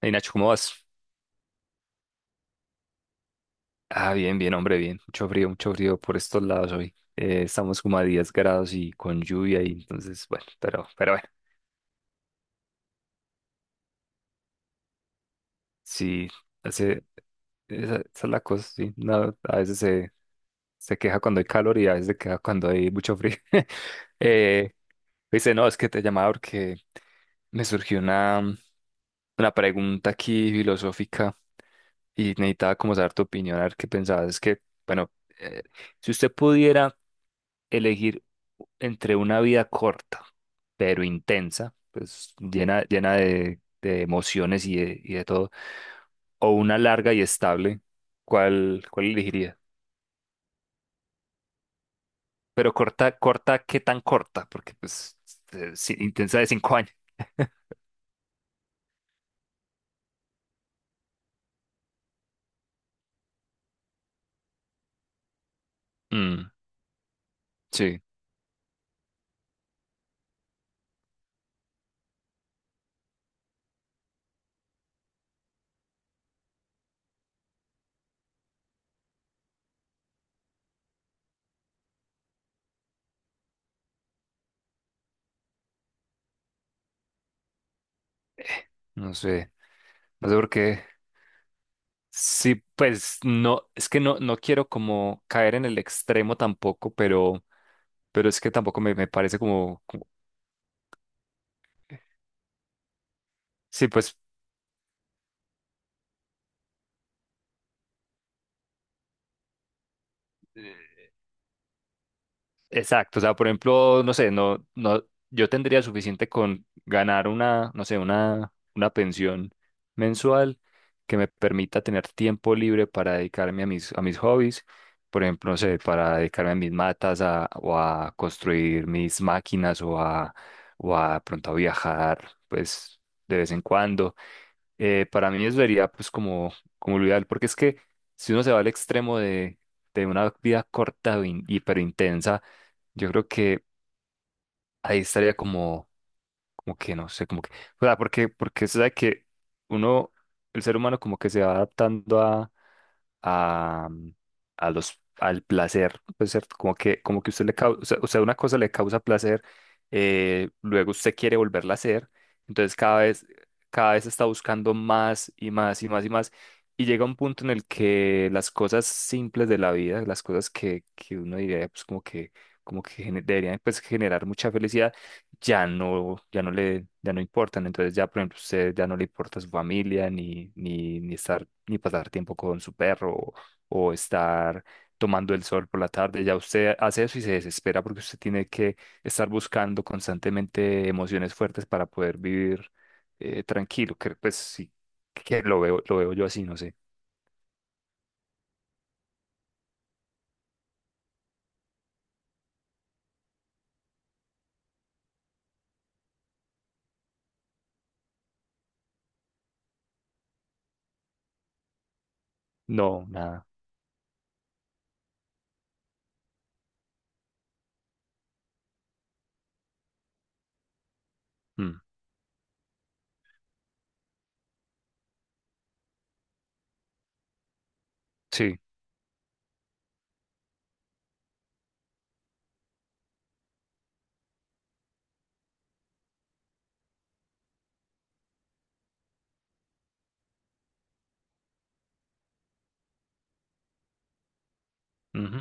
Hey Nacho, ¿cómo vas? Ah, bien, bien, hombre, bien. Mucho frío por estos lados hoy. Estamos como a 10 grados y con lluvia y entonces, bueno, pero bueno, sí, hace, esa es la cosa, sí. No, a veces se, se queja cuando hay calor y a veces se queja cuando hay mucho frío. Eh, Dice, no, es que te llamaba porque me surgió una pregunta aquí filosófica y necesitaba como saber tu opinión, a ver qué pensabas. Es que, bueno, eh, si usted pudiera elegir entre una vida corta, pero intensa, pues llena, llena de emociones y de todo, o una larga y estable, ¿cuál, cuál elegiría? Pero corta, corta, ¿qué tan corta? Porque pues sí, intensa de cinco años. Mm, sí, no sé, no sé por qué. Sí, pues no, es que no, no quiero como caer en el extremo tampoco, pero es que tampoco me, me parece como, como- sí, pues exacto, o sea, por ejemplo, no sé, no, no, yo tendría suficiente con ganar una, no sé, una pensión mensual que me permita tener tiempo libre para dedicarme a mis hobbies, por ejemplo, no sé, para dedicarme a mis matas a- o a construir mis máquinas o a pronto a viajar, pues, de vez en cuando para mí eso sería pues como, como lo ideal, porque es que si uno se va al extremo de una vida corta o in- hiperintensa, yo creo que ahí estaría como, como que no sé, como que, o sea, porque, porque se sabe que uno, el ser humano como que se va adaptando a, a los, al placer, pues, ¿cierto? Como que usted le causa, o sea, una cosa le causa placer, luego usted quiere volverla a hacer, entonces cada vez está buscando más y más y más y más, y llega un punto en el que las cosas simples de la vida, las cosas que uno diría, pues como que gene- deberían pues, generar mucha felicidad, ya no, ya no le, ya no importan. Entonces ya, por ejemplo, usted ya no le importa su familia, ni, ni, ni estar, ni pasar tiempo con su perro, o estar tomando el sol por la tarde. Ya usted hace eso y se desespera porque usted tiene que estar buscando constantemente emociones fuertes para poder vivir tranquilo. Que, pues sí, que lo veo yo así, no sé. No, nada. Mm, sí, ujú,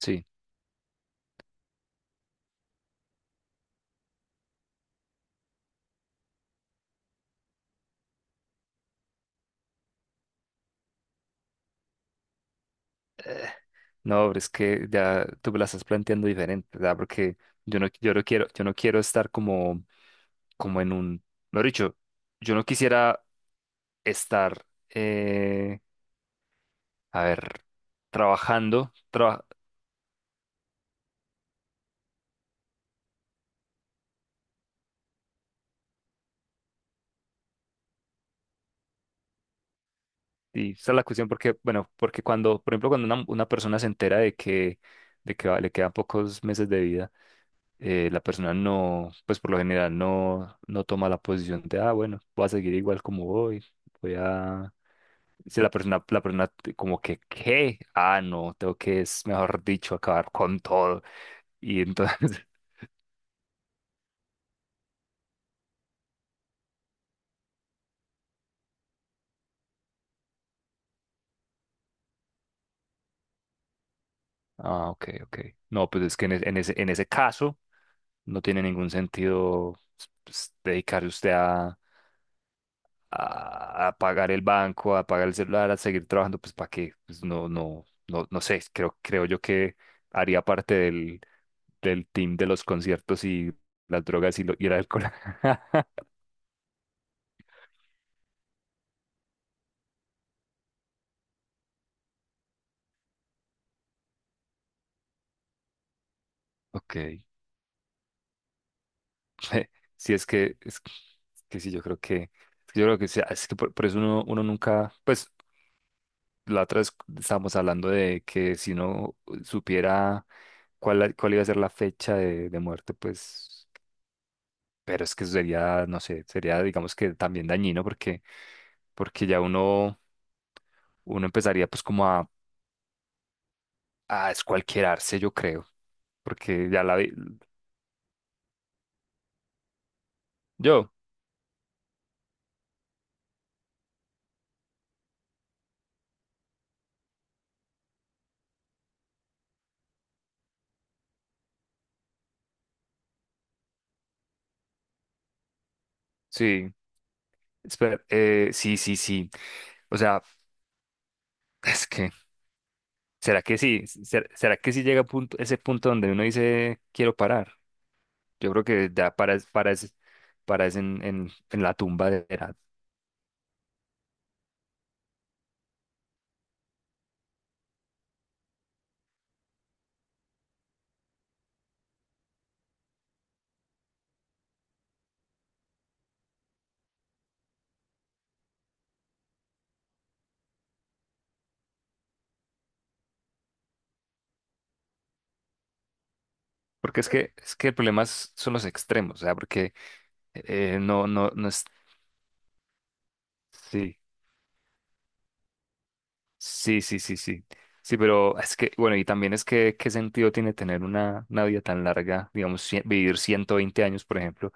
sí. Eh, No, pero es que ya tú me la estás planteando diferente, ¿verdad? Porque yo no, yo no quiero estar como, como en un, mejor dicho, yo no quisiera estar, eh, a ver, trabajando, traba- y esa es la cuestión porque, bueno, porque cuando, por ejemplo, cuando una persona se entera de que va- le quedan pocos meses de vida, la persona no, pues por lo general no, no toma la posición de, ah, bueno, voy a seguir igual como voy, voy a si la persona, la persona te- como que, ¿qué? Ah, no, tengo que, es mejor dicho, acabar con todo. Y entonces, ah, ok, ok. No, pues es que en, e- en ese caso no tiene ningún sentido pues, pues, dedicarse usted a pagar el banco, a pagar el celular, a seguir trabajando, pues ¿para qué? Pues no, no, no, no sé, creo, creo yo que haría parte del, del team de los conciertos y las drogas y, lo- y el alcohol. Ok. Sí, es que sí, yo creo que, es que yo creo que sí, es que por eso uno, uno nunca, pues la otra vez estábamos hablando de que si uno supiera cuál, la- cuál iba a ser la fecha de muerte, pues, pero es que eso sería, no sé, sería, digamos que también dañino porque, porque ya uno, uno empezaría pues como a escualquierarse, yo creo, porque ya la vi, yo, sí, espera, sí, sí, sí, o sea, es que... ¿Será que sí? ¿Ser- ¿Será que sí llega a punto, ese punto donde uno dice, quiero parar? Yo creo que ya paras, paras, paras en la tumba de edad. Porque es que el problema es- son los extremos, o sea, porque no, no, no es... Sí, sí, sí, sí, sí. Sí, pero es que, bueno, y también es que, ¿qué sentido tiene tener una vida tan larga? Digamos, cien- vivir 120 años, por ejemplo.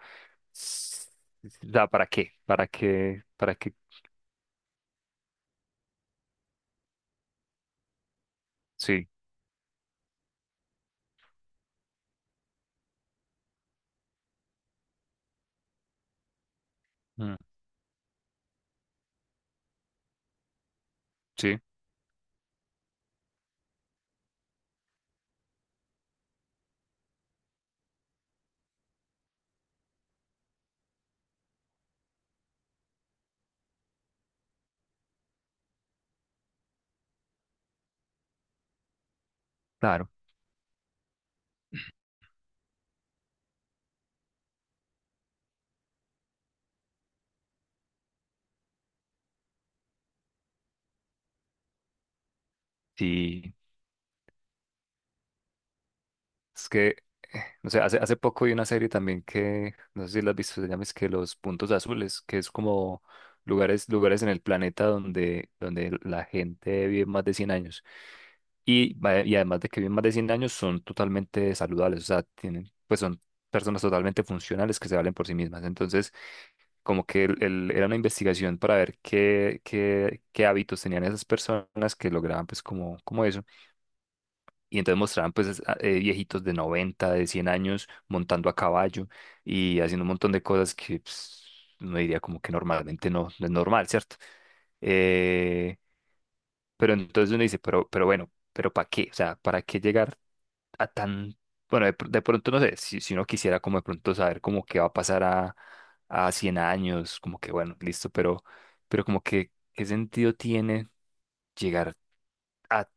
S- O sea, ¿para qué? ¿Para qué? ¿Para qué? Sí, mm, sí, claro. Sí. Es que, no sé, hace, hace poco vi una serie también que, no sé si la has visto, se llama es que Los Puntos Azules, que es como lugares, lugares en el planeta donde, donde la gente vive más de 100 años. Y, va- y además de que viven más de 100 años, son totalmente saludables, o sea, tienen, pues son personas totalmente funcionales que se valen por sí mismas. Entonces, como que el- era una investigación para ver qué, qué, qué hábitos tenían esas personas que lograban, pues, como, como eso. Y entonces mostraban pues a- viejitos de 90 de 100 años montando a caballo y haciendo un montón de cosas que pues, uno diría como que normalmente no, no es normal, ¿cierto? Eh, pero entonces uno dice, pero bueno, pero ¿para qué? O sea, ¿para qué llegar a tan... Bueno, de, pr- de pronto no sé, si, si uno quisiera como de pronto saber como qué va a pasar a 100 años, como que bueno, listo, pero como que ¿qué sentido tiene llegar a,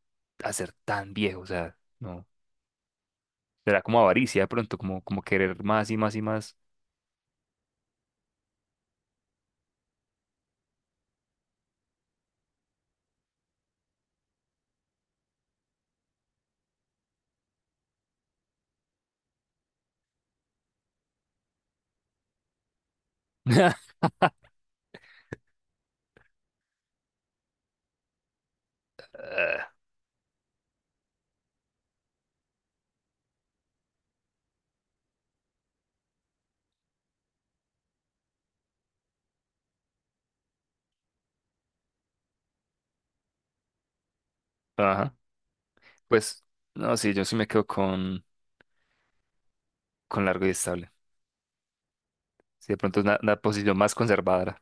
a ser tan viejo? O sea, no. Será como avaricia de pronto, como, como querer más y más y más. Ah, ajá. Pues, no, sí, yo sí me quedo con largo y estable. Sí, de pronto es una posición más conservadora.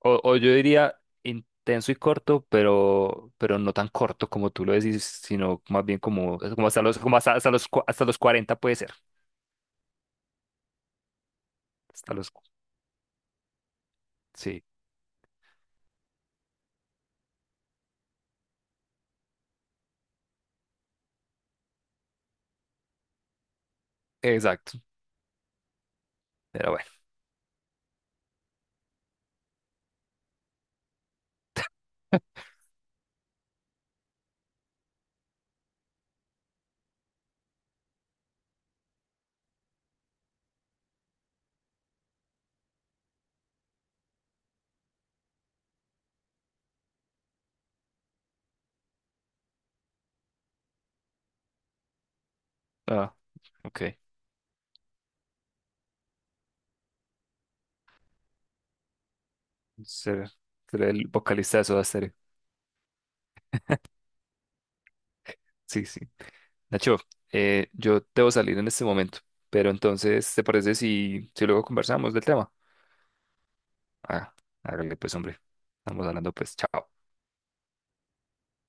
O yo diría intenso y corto, pero no tan corto como tú lo decís, sino más bien como, como hasta los, como hasta, hasta los, cua- hasta los cuarenta puede ser. Hasta los, cu- sí, exacto. Pero bueno. Ah, ok. Ser, ser el vocalista de Soda Stereo. Sí, sí. Nacho, yo debo salir en este momento, pero entonces, ¿te parece si, si luego conversamos del tema? Ah, hágale pues, hombre. Estamos hablando pues, chao.